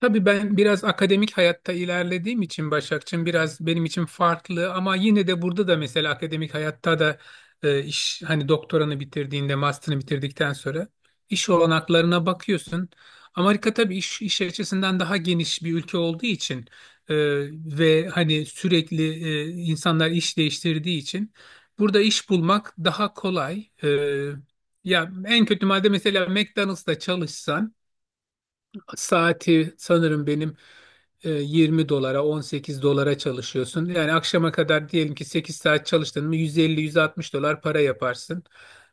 Tabii ben biraz akademik hayatta ilerlediğim için Başakçığım biraz benim için farklı, ama yine de burada da mesela akademik hayatta da iş hani doktoranı bitirdiğinde, master'ını bitirdikten sonra iş olanaklarına bakıyorsun. Amerika tabii iş açısından daha geniş bir ülke olduğu için e, ve hani sürekli insanlar iş değiştirdiği için burada iş bulmak daha kolay. Ya en kötü madde mesela McDonald's'ta çalışsan, saati sanırım benim 20 dolara, 18 dolara çalışıyorsun. Yani akşama kadar diyelim ki 8 saat çalıştın mı, 150-160 dolar para yaparsın.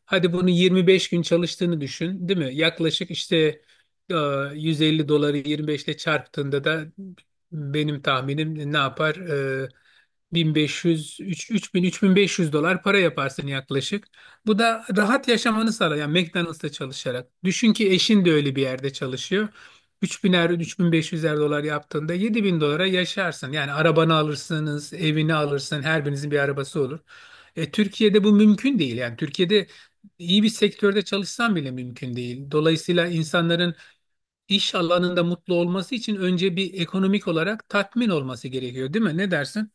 Hadi bunu 25 gün çalıştığını düşün, değil mi? Yaklaşık işte e, 150 doları 25 ile çarptığında da benim tahminim ne yapar? 1500, 3, 3000, 3500 dolar para yaparsın yaklaşık. Bu da rahat yaşamanı sağlar. Yani McDonald's'ta çalışarak. Düşün ki eşin de öyle bir yerde çalışıyor, 3000'er, 3500'er dolar yaptığında 7.000 dolara yaşarsın. Yani arabanı alırsınız, evini alırsın, her birinizin bir arabası olur. Türkiye'de bu mümkün değil. Yani Türkiye'de iyi bir sektörde çalışsan bile mümkün değil. Dolayısıyla insanların iş alanında mutlu olması için önce bir ekonomik olarak tatmin olması gerekiyor, değil mi? Ne dersin?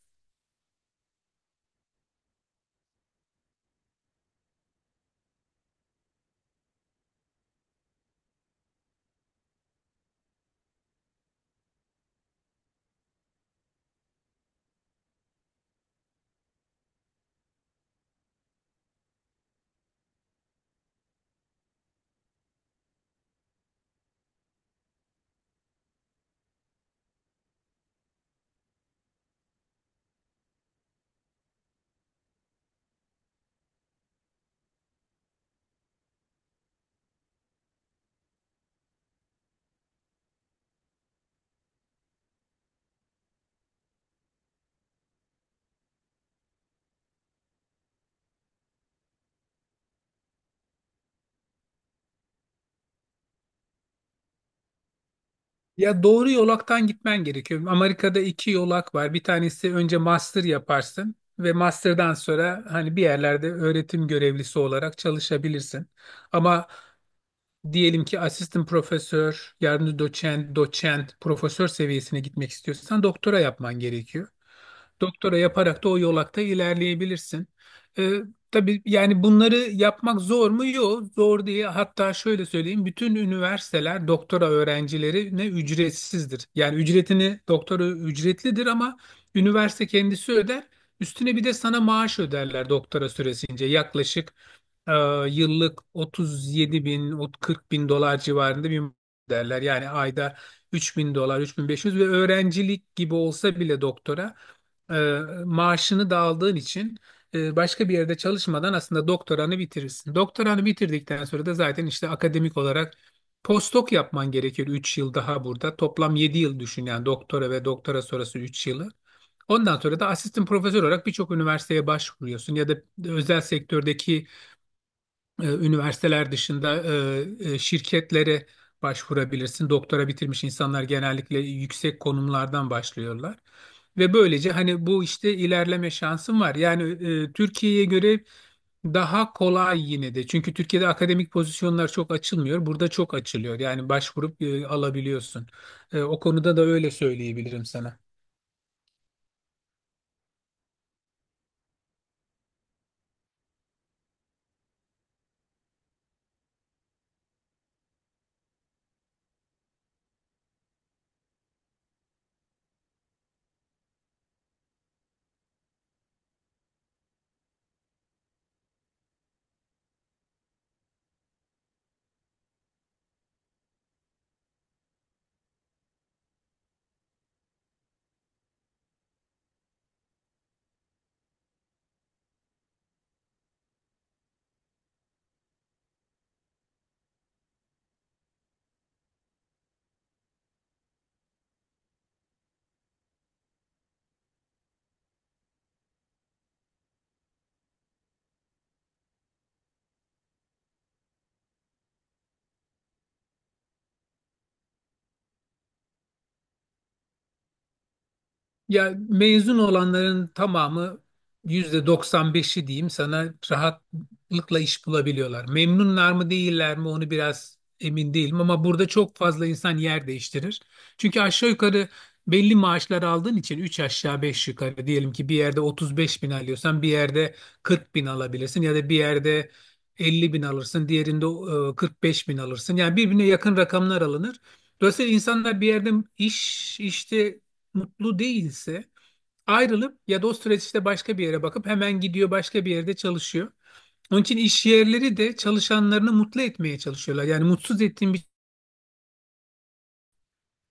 Ya doğru yolaktan gitmen gerekiyor. Amerika'da iki yolak var. Bir tanesi, önce master yaparsın ve master'dan sonra hani bir yerlerde öğretim görevlisi olarak çalışabilirsin. Ama diyelim ki asistan profesör, yardımcı doçent, doçent, profesör seviyesine gitmek istiyorsan doktora yapman gerekiyor. Doktora yaparak da o yolakta ilerleyebilirsin. Ee, tabii yani bunları yapmak zor mu? Yok, zor değil. Hatta şöyle söyleyeyim, bütün üniversiteler doktora öğrencilerine ücretsizdir. Yani ücretini, doktora ücretlidir ama üniversite kendisi öder. Üstüne bir de sana maaş öderler doktora süresince. Yaklaşık e, yıllık 37 bin, 40 bin dolar civarında bir derler. Yani ayda 3 bin dolar, 3500 ve öğrencilik gibi olsa bile doktora e, maaşını da aldığın için başka bir yerde çalışmadan aslında doktoranı bitirirsin. Doktoranı bitirdikten sonra da zaten işte akademik olarak postdoc yapman gerekir 3 yıl daha burada. Toplam 7 yıl düşün, yani doktora ve doktora sonrası 3 yılı. Ondan sonra da asistan profesör olarak birçok üniversiteye başvuruyorsun, ya da özel sektördeki üniversiteler dışında şirketlere başvurabilirsin. Doktora bitirmiş insanlar genellikle yüksek konumlardan başlıyorlar. Ve böylece hani bu işte ilerleme şansın var. Yani Türkiye'ye göre daha kolay yine de. Çünkü Türkiye'de akademik pozisyonlar çok açılmıyor. Burada çok açılıyor. Yani başvurup alabiliyorsun. O konuda da öyle söyleyebilirim sana. Ya mezun olanların tamamı, yüzde 95'i diyeyim sana, rahatlıkla iş bulabiliyorlar. Memnunlar mı değiller mi onu biraz emin değilim, ama burada çok fazla insan yer değiştirir. Çünkü aşağı yukarı belli maaşlar aldığın için, 3 aşağı 5 yukarı diyelim ki bir yerde 35 bin alıyorsan, bir yerde 40 bin alabilirsin, ya da bir yerde 50 bin alırsın, diğerinde 45 bin alırsın. Yani birbirine yakın rakamlar alınır. Dolayısıyla insanlar bir yerde iş işte mutlu değilse, ayrılıp ya da o süreçte başka bir yere bakıp hemen gidiyor, başka bir yerde çalışıyor. Onun için iş yerleri de çalışanlarını mutlu etmeye çalışıyorlar. Yani mutsuz ettiğin bir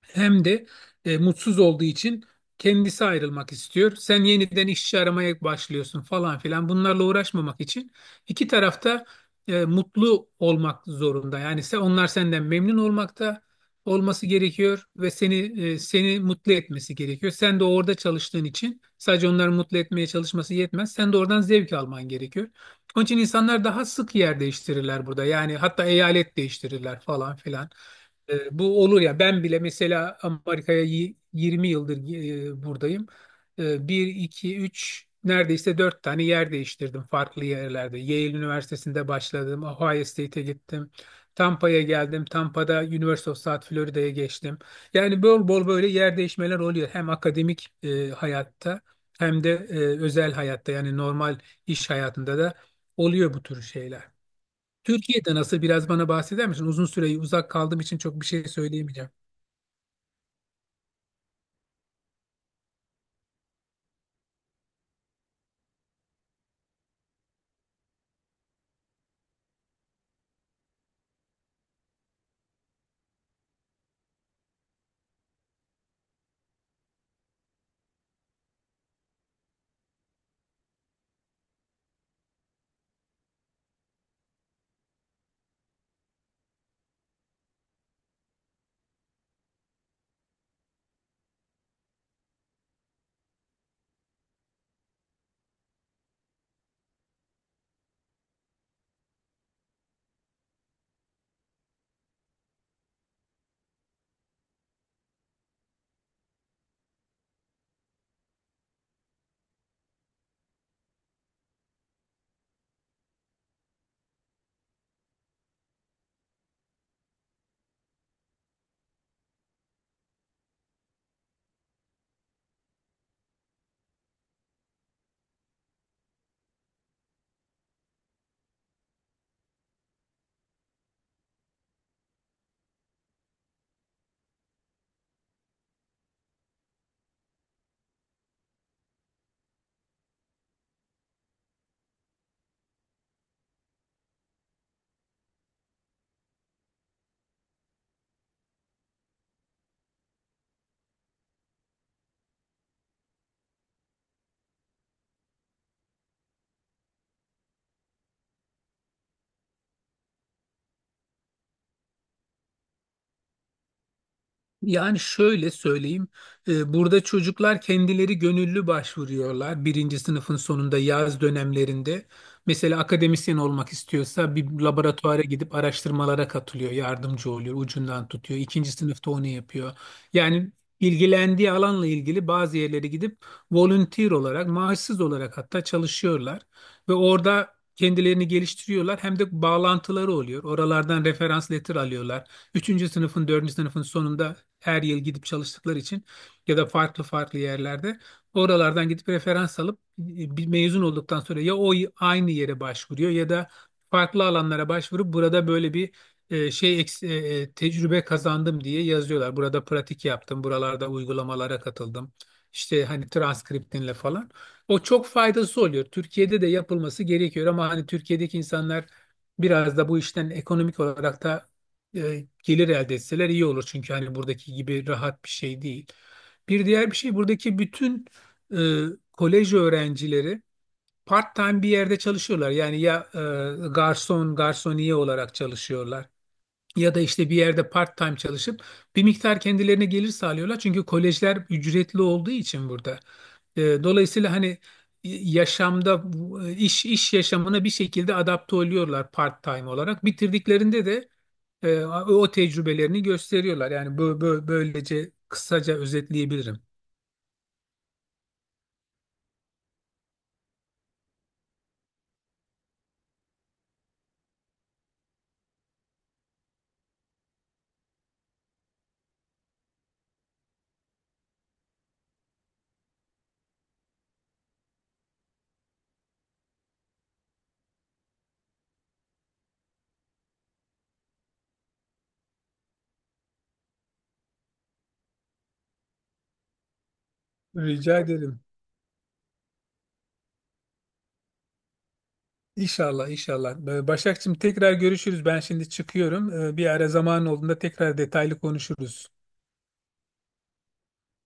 hem de mutsuz olduğu için kendisi ayrılmak istiyor. Sen yeniden işçi aramaya başlıyorsun falan filan. Bunlarla uğraşmamak için iki tarafta mutlu olmak zorunda. Yani sen, onlar senden memnun olmakta olması gerekiyor ve seni seni mutlu etmesi gerekiyor. Sen de orada çalıştığın için sadece onları mutlu etmeye çalışması yetmez. Sen de oradan zevk alman gerekiyor. Onun için insanlar daha sık yer değiştirirler burada. Yani hatta eyalet değiştirirler falan filan. Bu olur ya, ben bile mesela Amerika'ya 20 yıldır buradayım. E, 1, 2, 3, neredeyse 4 tane yer değiştirdim farklı yerlerde. Yale Üniversitesi'nde başladım. Ohio State'e gittim. Tampa'ya geldim. Tampa'da University of South Florida'ya geçtim. Yani bol bol böyle yer değişmeler oluyor. Hem akademik hayatta, hem de özel hayatta, yani normal iş hayatında da oluyor bu tür şeyler. Türkiye'de nasıl, biraz bana bahseder misin? Uzun süre uzak kaldığım için çok bir şey söyleyemeyeceğim. Yani şöyle söyleyeyim, burada çocuklar kendileri gönüllü başvuruyorlar birinci sınıfın sonunda, yaz dönemlerinde. Mesela akademisyen olmak istiyorsa bir laboratuvara gidip araştırmalara katılıyor, yardımcı oluyor, ucundan tutuyor. İkinci sınıfta onu yapıyor. Yani ilgilendiği alanla ilgili bazı yerlere gidip volunteer olarak, maaşsız olarak hatta çalışıyorlar. Ve orada kendilerini geliştiriyorlar, hem de bağlantıları oluyor. Oralardan referans letter alıyorlar. Üçüncü sınıfın, dördüncü sınıfın sonunda her yıl gidip çalıştıkları için, ya da farklı farklı yerlerde, oralardan gidip referans alıp bir mezun olduktan sonra ya o aynı yere başvuruyor, ya da farklı alanlara başvurup burada böyle bir tecrübe kazandım diye yazıyorlar. Burada pratik yaptım, buralarda uygulamalara katıldım. İşte hani transkriptinle falan. O çok faydası oluyor. Türkiye'de de yapılması gerekiyor, ama hani Türkiye'deki insanlar biraz da bu işten ekonomik olarak da gelir elde etseler iyi olur. Çünkü hani buradaki gibi rahat bir şey değil. Bir diğer bir şey, buradaki bütün e, kolej öğrencileri part-time bir yerde çalışıyorlar. Yani ya garson, garsoniye olarak çalışıyorlar. Ya da işte bir yerde part-time çalışıp bir miktar kendilerine gelir sağlıyorlar. Çünkü kolejler ücretli olduğu için burada. Dolayısıyla hani yaşamda iş yaşamına bir şekilde adapte oluyorlar part-time olarak. Bitirdiklerinde de o tecrübelerini gösteriyorlar. Yani böylece kısaca özetleyebilirim. Rica ederim. İnşallah, inşallah. Başakçığım, tekrar görüşürüz. Ben şimdi çıkıyorum. Bir ara zaman olduğunda tekrar detaylı konuşuruz.